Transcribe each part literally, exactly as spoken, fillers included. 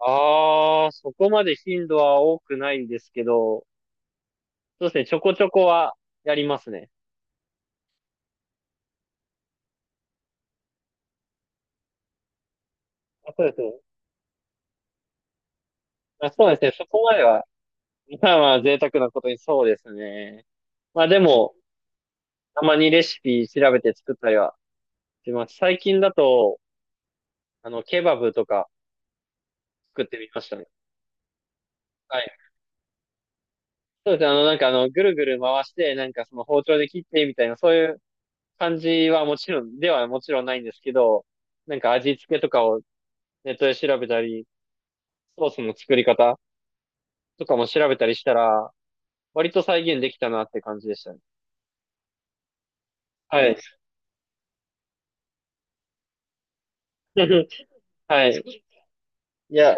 ああ、そこまで頻度は多くないんですけど、そうですね、ちょこちょこはやりますね。あ、そうですね。あ、そうですね、そこまでは、まあまあ贅沢なことにそうですね。まあでも、たまにレシピ調べて作ったりはします。最近だと、あの、ケバブとか作ってみましたね。はい。そうですね、あの、なんかあの、ぐるぐる回して、なんかその包丁で切ってみたいな、そういう感じはもちろん、ではもちろんないんですけど、なんか味付けとかをネットで調べたり、ソースの作り方とかも調べたりしたら、割と再現できたなって感じでしたね。はい。はい。いや、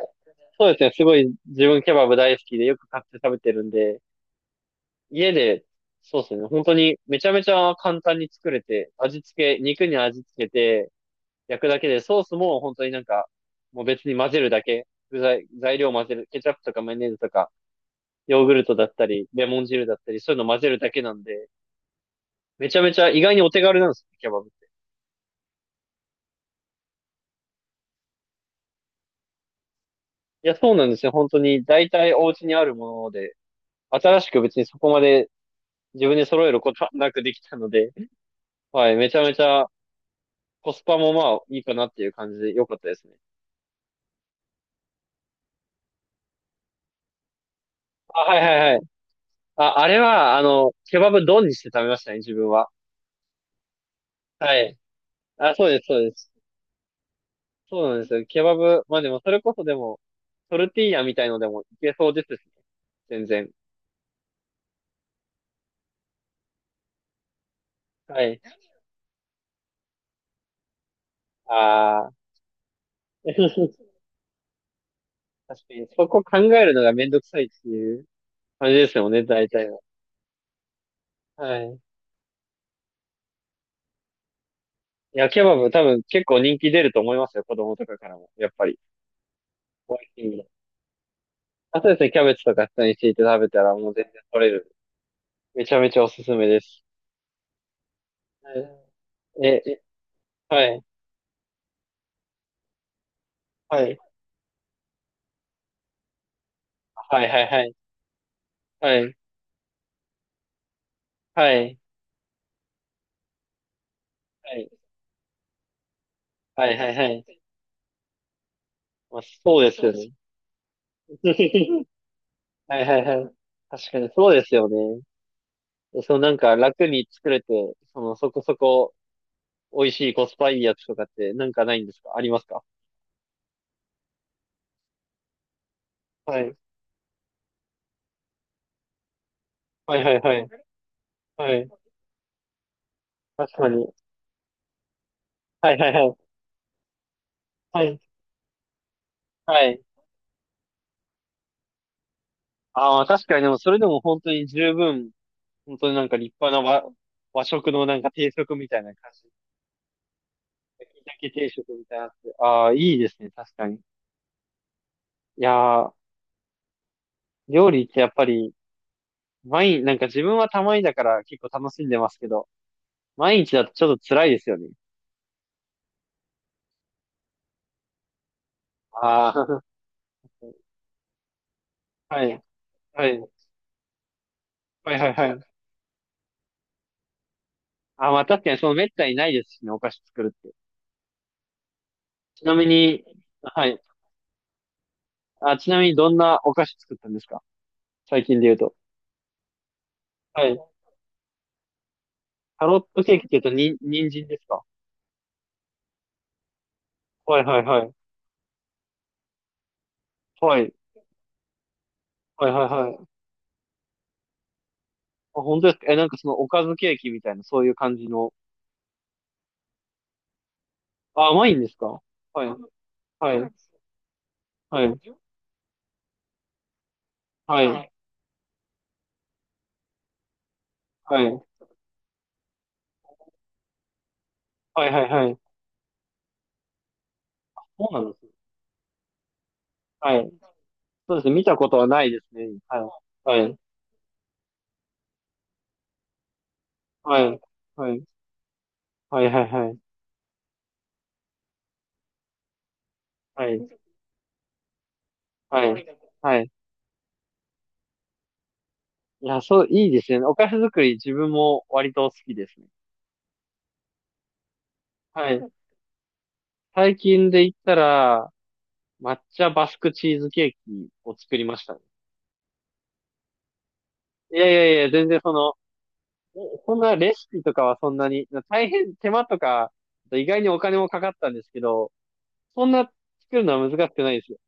そうですね。すごい自分ケバブ大好きでよく買って食べてるんで、家で、そうですね。本当にめちゃめちゃ簡単に作れて、味付け、肉に味付けて焼くだけで、ソースも本当になんか、もう別に混ぜるだけ。具材、材料混ぜる。ケチャップとかマヨネーズとか、ヨーグルトだったり、レモン汁だったり、そういうの混ぜるだけなんで、めちゃめちゃ意外にお手軽なんですよ、ケバブ。いや、そうなんですよ。本当に、大体お家にあるもので、新しく別にそこまで自分で揃えることはなくできたので、はい、めちゃめちゃコスパもまあいいかなっていう感じで良かったですね。あ、はいはいはい。あ、あれは、あの、ケバブ丼にして食べましたね、自分は。はい。あ、そうです、そうです。そうなんですよ。ケバブ、まあでもそれこそでも、トルティーヤみたいのでもいけそうですしね。全然。はい。ああ、確かに、そこ考えるのがめんどくさいっていう感じですよね、大体は。はい。いや、ケバブ多分結構人気出ると思いますよ、子供とかからも。やっぱり。美味しいんで。あとですね、キャベツとか下に敷いて食べたらもう全然取れる。めちゃめちゃおすすめです。え、え、はいはいはい。はいはいはいはいはいはいはい、まあそうですよね。 はいはいはい。確かにそうですよね。そう、なんか楽に作れて、そのそこそこ美味しいコスパいいやつとかってなんかないんですか？ありますか？はい。はいはいはい。はい。確かに。はいはいはい。はい。はい。ああ、確かにでもそれでも本当に十分、本当になんか立派な和、和食のなんか定食みたいな感じ。焼き鮭定食みたいなやつ。ああ、いいですね。確かに。いやー、料理ってやっぱり、毎日、なんか自分はたまにだから結構楽しんでますけど、毎日だとちょっと辛いですよね。ああ、はい。はい。はいはいはい。ああ、まあ確かにその滅多にないですしね、お菓子作るって。ちなみに、はい。あ、ちなみにどんなお菓子作ったんですか？最近で言うと。はい。タロットケーキって言うと、に、人参ですか？はいはいはい。はい。はいはいはい。あ、本当ですか？え、なんかそのおかずケーキみたいな、そういう感じの。あ、甘いんですか？はい。はい。はい。はい。はい。はいはいはい。そうなんですね。はい。そうですね。見たことはないですね。はい。はい。はい。はい。はいはいはい。はい。はい。はい。いや、そう、いいですね。お菓子作り自分も割と好きですね。はい。最近で言ったら、抹茶バスクチーズケーキを作りましたね。いやいやいや、全然その、おそんなレシピとかはそんなに、大変手間とか、意外にお金もかかったんですけど、そんな作るのは難しくないですよ。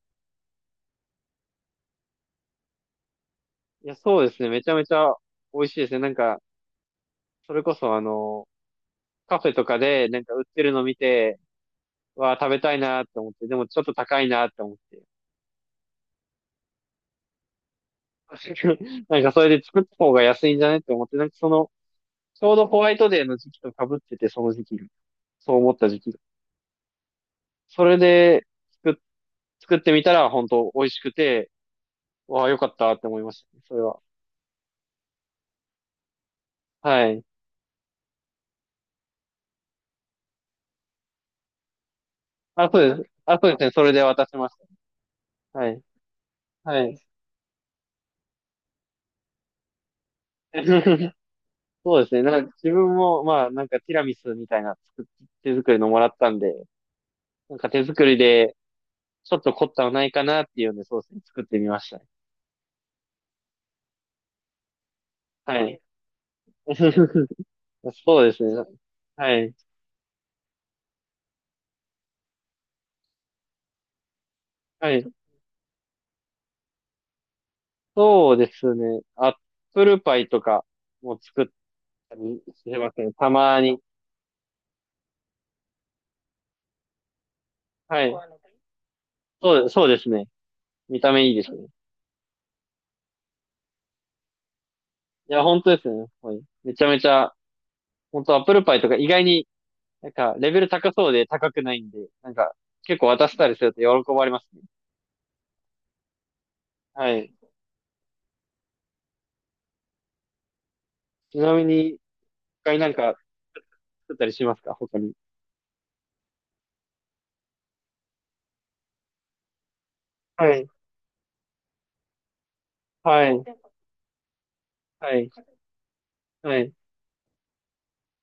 いや、そうですね。めちゃめちゃ美味しいですね。なんか、それこそあの、カフェとかでなんか売ってるの見て、わあ、食べたいなって思って、でもちょっと高いなって思って。なんかそれで作った方が安いんじゃねって思って、なんかその、ちょうどホワイトデーの時期と被ってて、その時期が。そう思った時期が。それで、作っ作ってみたら本当美味しくて、わあ、よかったって思いましたね、それは。はい。あ、そうです。あ、そうですね。それで渡しました。はい。はい。そうですね。なんか自分も、まあ、なんかティラミスみたいな作っ手作りのもらったんで、なんか手作りで、ちょっと凝ったのないかなっていうので、そうですね。作ってみましたね。はい。そうですね。はい。はい。そうですね。アップルパイとかも作ったりしてますね。たまに。はい。そう、そうですね。見た目いいですね。いや、本当ですね。はい。めちゃめちゃ、本当アップルパイとか意外に、なんか、レベル高そうで高くないんで、なんか、結構渡したりすると喜ばれますね。はい。ちなみに、他になんか作ったりしますか？他に。はい。はい。はい。はい。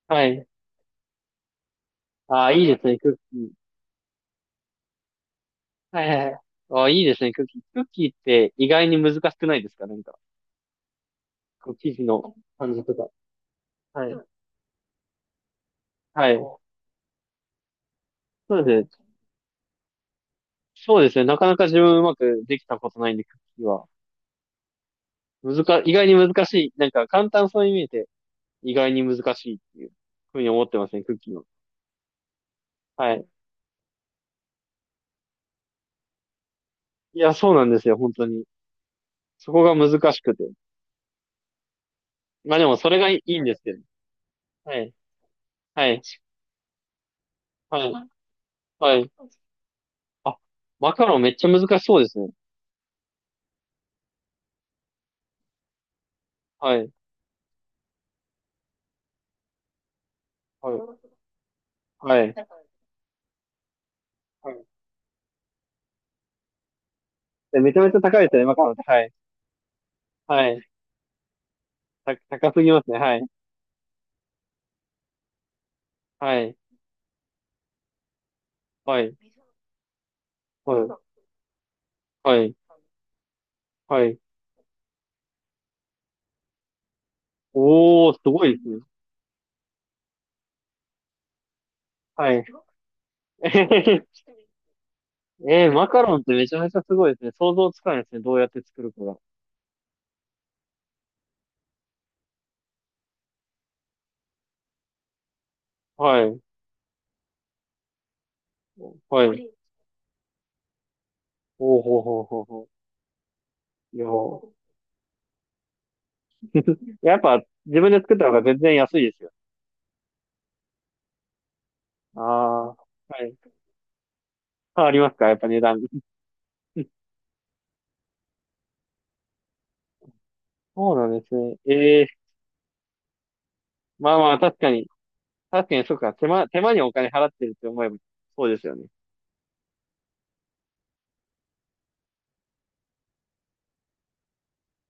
はい。ああ、いいですね、クッキー。はいはいはい。ああ、いいですね、クッキー。クッキーって意外に難しくないですか？なんか、こう生地の感じとか。はい。はい。そうですね。そうですね。なかなか自分うまくできたことないんで、クッキーは。難か、意外に難しい。なんか簡単そうに見えて、意外に難しいっていうふうに思ってますね、クッキーは。はい。いや、そうなんですよ、本当に。そこが難しくて。まあでも、それがいいんですけど。はい。はい。はい。はい。あ、マカロンめっちゃ難しそうですね。はい。はい。はい。はい。でめちゃめちゃ高いですね、マカロンって。はい。はい。た、高すぎますね。はい。はい。はい。はい。はい。はい。おー、すごいですね。はい。えー、マカロンってめちゃめちゃすごいですね。想像つかないですね。どうやって作るかが。はい。はい。ほうほうほうほうほう。いやー、やっぱ自分で作った方が全然安いですよ。ああ、はい。変わりますか？やっぱ値段。そうなんですね。ええ、まあまあ、確かに。確かに、そうか。手間、手間にお金払ってるって思えば、そうですよね。